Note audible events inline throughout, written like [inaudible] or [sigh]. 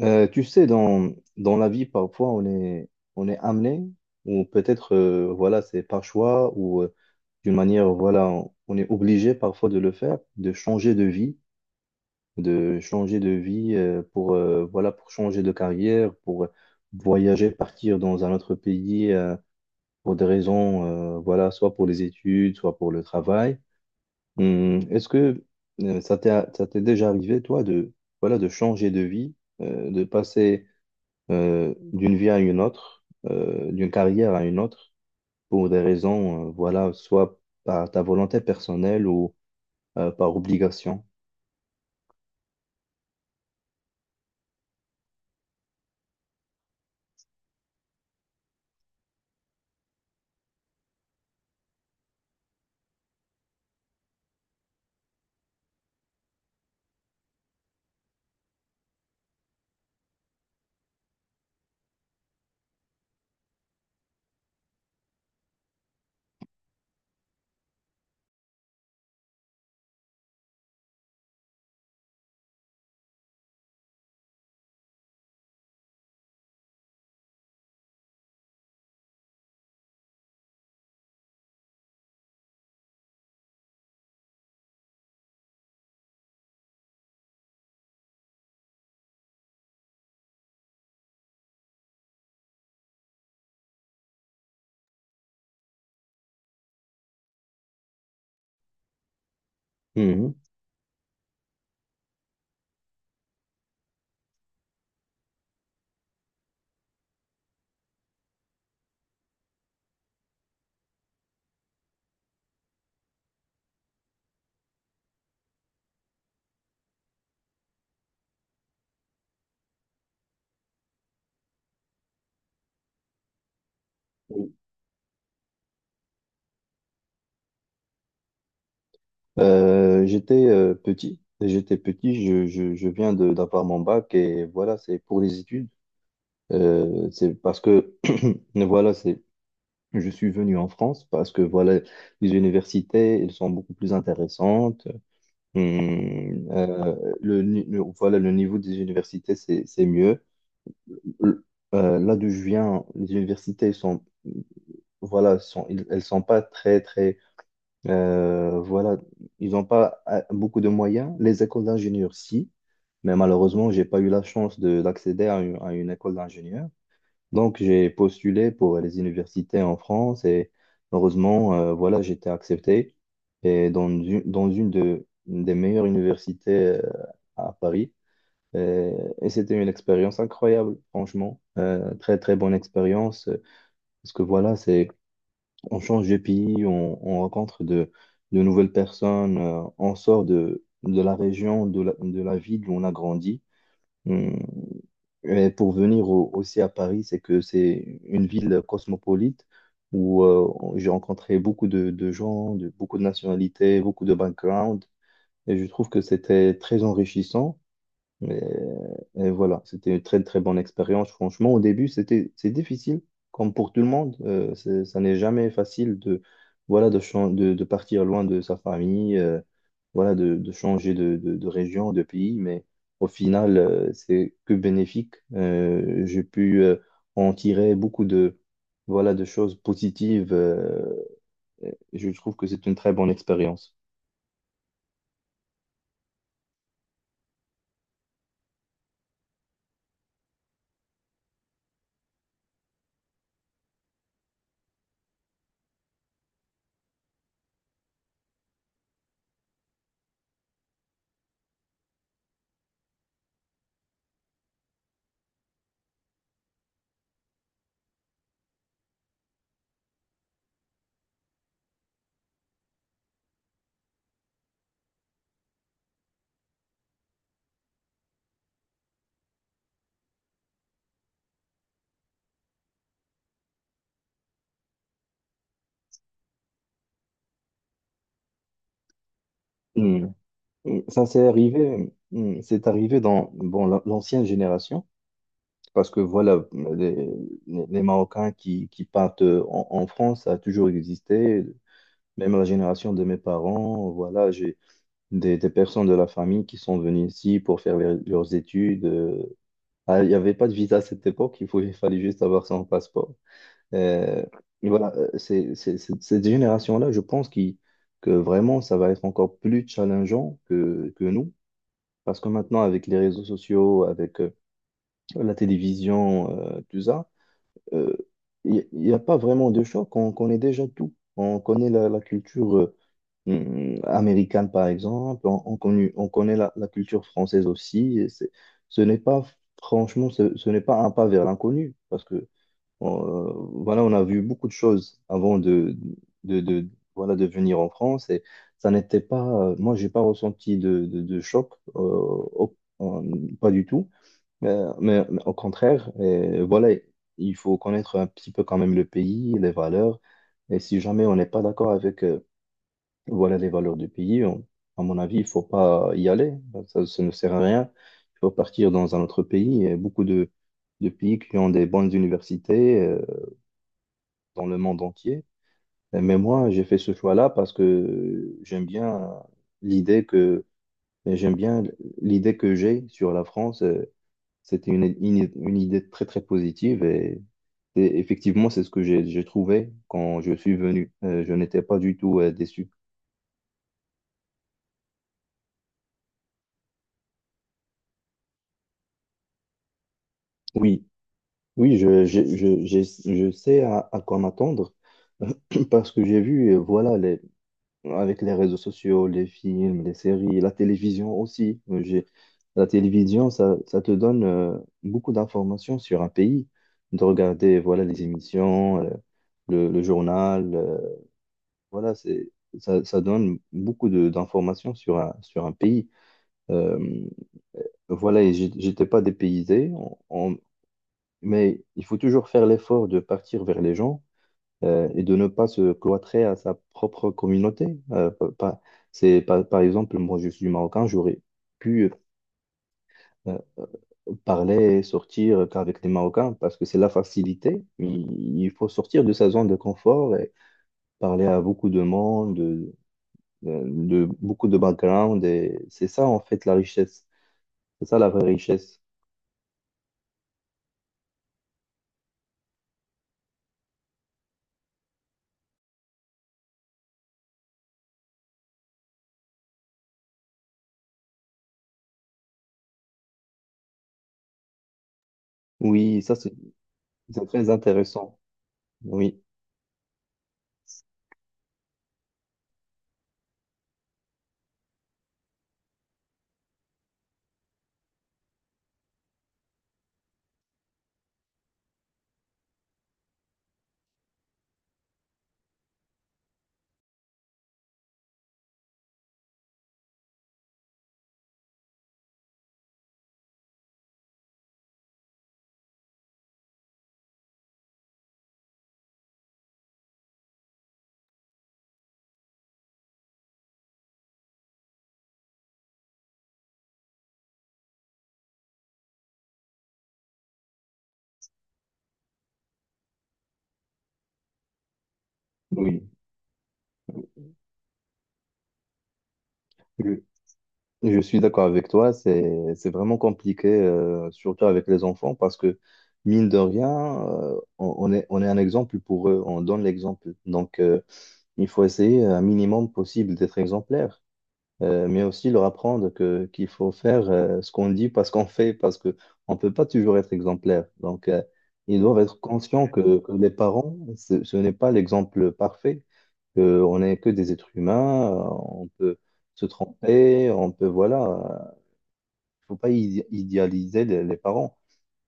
Dans la vie, parfois, on est amené, ou peut-être, voilà, c'est par choix, ou d'une manière, voilà, on est obligé parfois de le faire, de changer de vie, pour, voilà, pour changer de carrière, pour voyager, partir dans un autre pays pour des raisons, voilà, soit pour les études, soit pour le travail. Est-ce que euh, ça t'est, ça t'est déjà arrivé, toi, de, voilà, de changer de vie, de passer d'une vie à une autre, d'une carrière à une autre, pour des raisons, voilà, soit par ta volonté personnelle ou par obligation. Mhm. J'étais petit, j'étais petit, je viens de d'avoir mon bac et voilà, c'est pour les études. C'est parce que [clears throat] voilà, c'est. Je suis venu en France parce que voilà, les universités, elles sont beaucoup plus intéressantes. Le, ni- le- Voilà, le niveau des universités, c'est mieux. Le- Là d'où je viens, les universités elles sont, voilà, sont, elles sont pas très, très, voilà, ils n'ont pas beaucoup de moyens. Les écoles d'ingénieurs, si, mais malheureusement, j'ai pas eu la chance d'accéder à à une école d'ingénieur. Donc, j'ai postulé pour les universités en France et heureusement, voilà, j'ai été accepté. Et dans une, une des meilleures universités euh, à Paris. Et, et c'était une expérience incroyable, franchement. Très, très bonne expérience. Parce que voilà, c'est, on change de pays, on rencontre de nouvelles personnes, on sort de la région, de la ville où on a grandi. Et pour venir aussi à Paris, c'est que c'est une ville cosmopolite où j'ai rencontré beaucoup de gens, de, beaucoup de nationalités, beaucoup de backgrounds, et je trouve que c'était très enrichissant. Mais euh, et voilà, c'était une très très bonne expérience. Franchement, au début, c'est difficile, comme pour tout le monde. Ça n'est jamais facile de voilà de partir loin de sa famille, voilà de changer de région, de pays. Mais au final, c'est que bénéfique. J'ai pu en tirer beaucoup de voilà de choses positives. Et je trouve que c'est une très bonne expérience. Hmm. Et ça c'est arrivé dans bon, l'ancienne génération, parce que voilà, les, les Marocains qui partent en France, ça a toujours existé, même la génération de mes parents, voilà, j'ai des personnes de la famille qui sont venues ici pour faire leurs études. Ah, il n'y avait pas de visa à cette époque, il fallait juste avoir son passeport. Euh, et voilà, cette génération-là, que vraiment, ça va être encore plus challengeant que nous parce que maintenant, avec les réseaux sociaux, avec la télévision, tout ça, euh, il n'y a pas vraiment de choc. On connaît déjà tout. On connaît la, la culture américaine, par exemple. On connaît la, la culture française aussi. Et c'est- ce n'est pas, Franchement, ce n'est pas un pas vers l'inconnu. Parce que on, voilà, on a vu beaucoup de choses avant de, de- voilà, de venir en France et ça n'était pas, moi, j'ai pas ressenti de choc, pas du tout, mais, mais au contraire, et voilà, il faut connaître un petit peu quand même le pays, les valeurs, et si jamais on n'est pas d'accord avec, voilà, les valeurs du pays, à mon avis, il faut pas y aller, ça ne sert à rien, il faut partir dans un autre pays, et beaucoup de pays qui ont des bonnes universités. Dans le monde entier. Mais moi, j'ai fait ce choix-là parce que j'aime bien l'idée que j'aime bien l'idée que j'ai sur la France. C'était une idée très très positive et effectivement, c'est ce que j'ai trouvé quand je suis venu. Je n'étais pas du tout déçu. Oui, oui, je sais à quoi m'attendre [clears throat] parce que j'ai vu, voilà, les, avec les réseaux sociaux, les films, les séries, la télévision aussi. La télévision, ça te donne beaucoup d'informations sur un pays, de regarder voilà, les émissions, le journal, voilà, c'est, ça donne beaucoup d'informations sur un pays. Euh, voilà, j'étais pas dépaysé, mais il faut toujours faire l'effort de partir vers les gens et de ne pas se cloîtrer à sa propre communauté. Euh, pa- pa- Par exemple, moi je suis marocain, j'aurais pu euh, parler et sortir qu'avec les Marocains parce que c'est la facilité. Il faut sortir de sa zone de confort et parler à beaucoup de monde, de beaucoup de background. Et c'est ça en fait la richesse. C'est ça la vraie richesse. Oui, ça c'est très intéressant. Oui, oui. Je suis d'accord avec toi, c'est vraiment compliqué, surtout avec les enfants, parce que mine de rien, on est un exemple pour eux, on donne l'exemple. Donc, il faut essayer un minimum possible d'être exemplaire mais aussi leur apprendre que qu'il faut faire ce qu'on dit parce qu'on fait, parce que on peut pas toujours être exemplaire. Donc, ils doivent être conscients que les parents, ce n'est pas l'exemple parfait, que on n'est que des êtres humains, on peut se tromper, on peut, voilà, faut pas idéaliser les parents.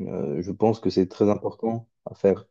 Je pense que c'est très important à faire.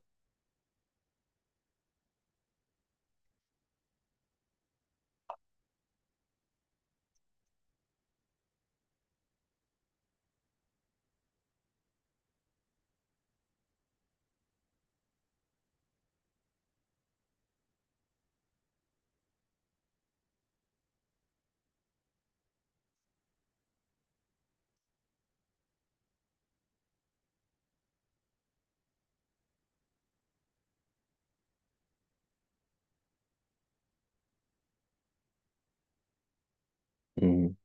Mhm.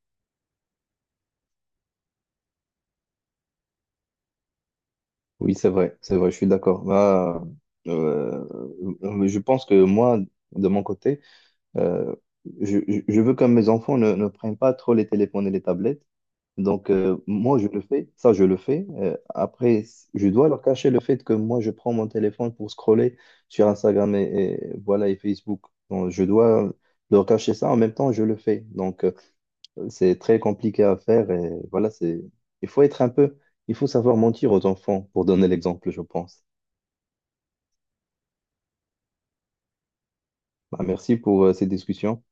Oui, c'est vrai, je suis d'accord. Bah, euh, je pense que moi, de mon côté, Euh, je veux que mes enfants ne prennent pas trop les téléphones et les tablettes. Donc, moi, je le fais, ça, je le fais. Après, je dois leur cacher le fait que moi, je prends mon téléphone pour scroller sur Instagram et voilà, et Facebook. Donc, je dois leur cacher ça. En même temps, je le fais. Donc, c'est très compliqué à faire. Et voilà, c'est, il faut être un peu, il faut savoir mentir aux enfants pour donner l'exemple, je pense. Bah, merci pour, ces discussions.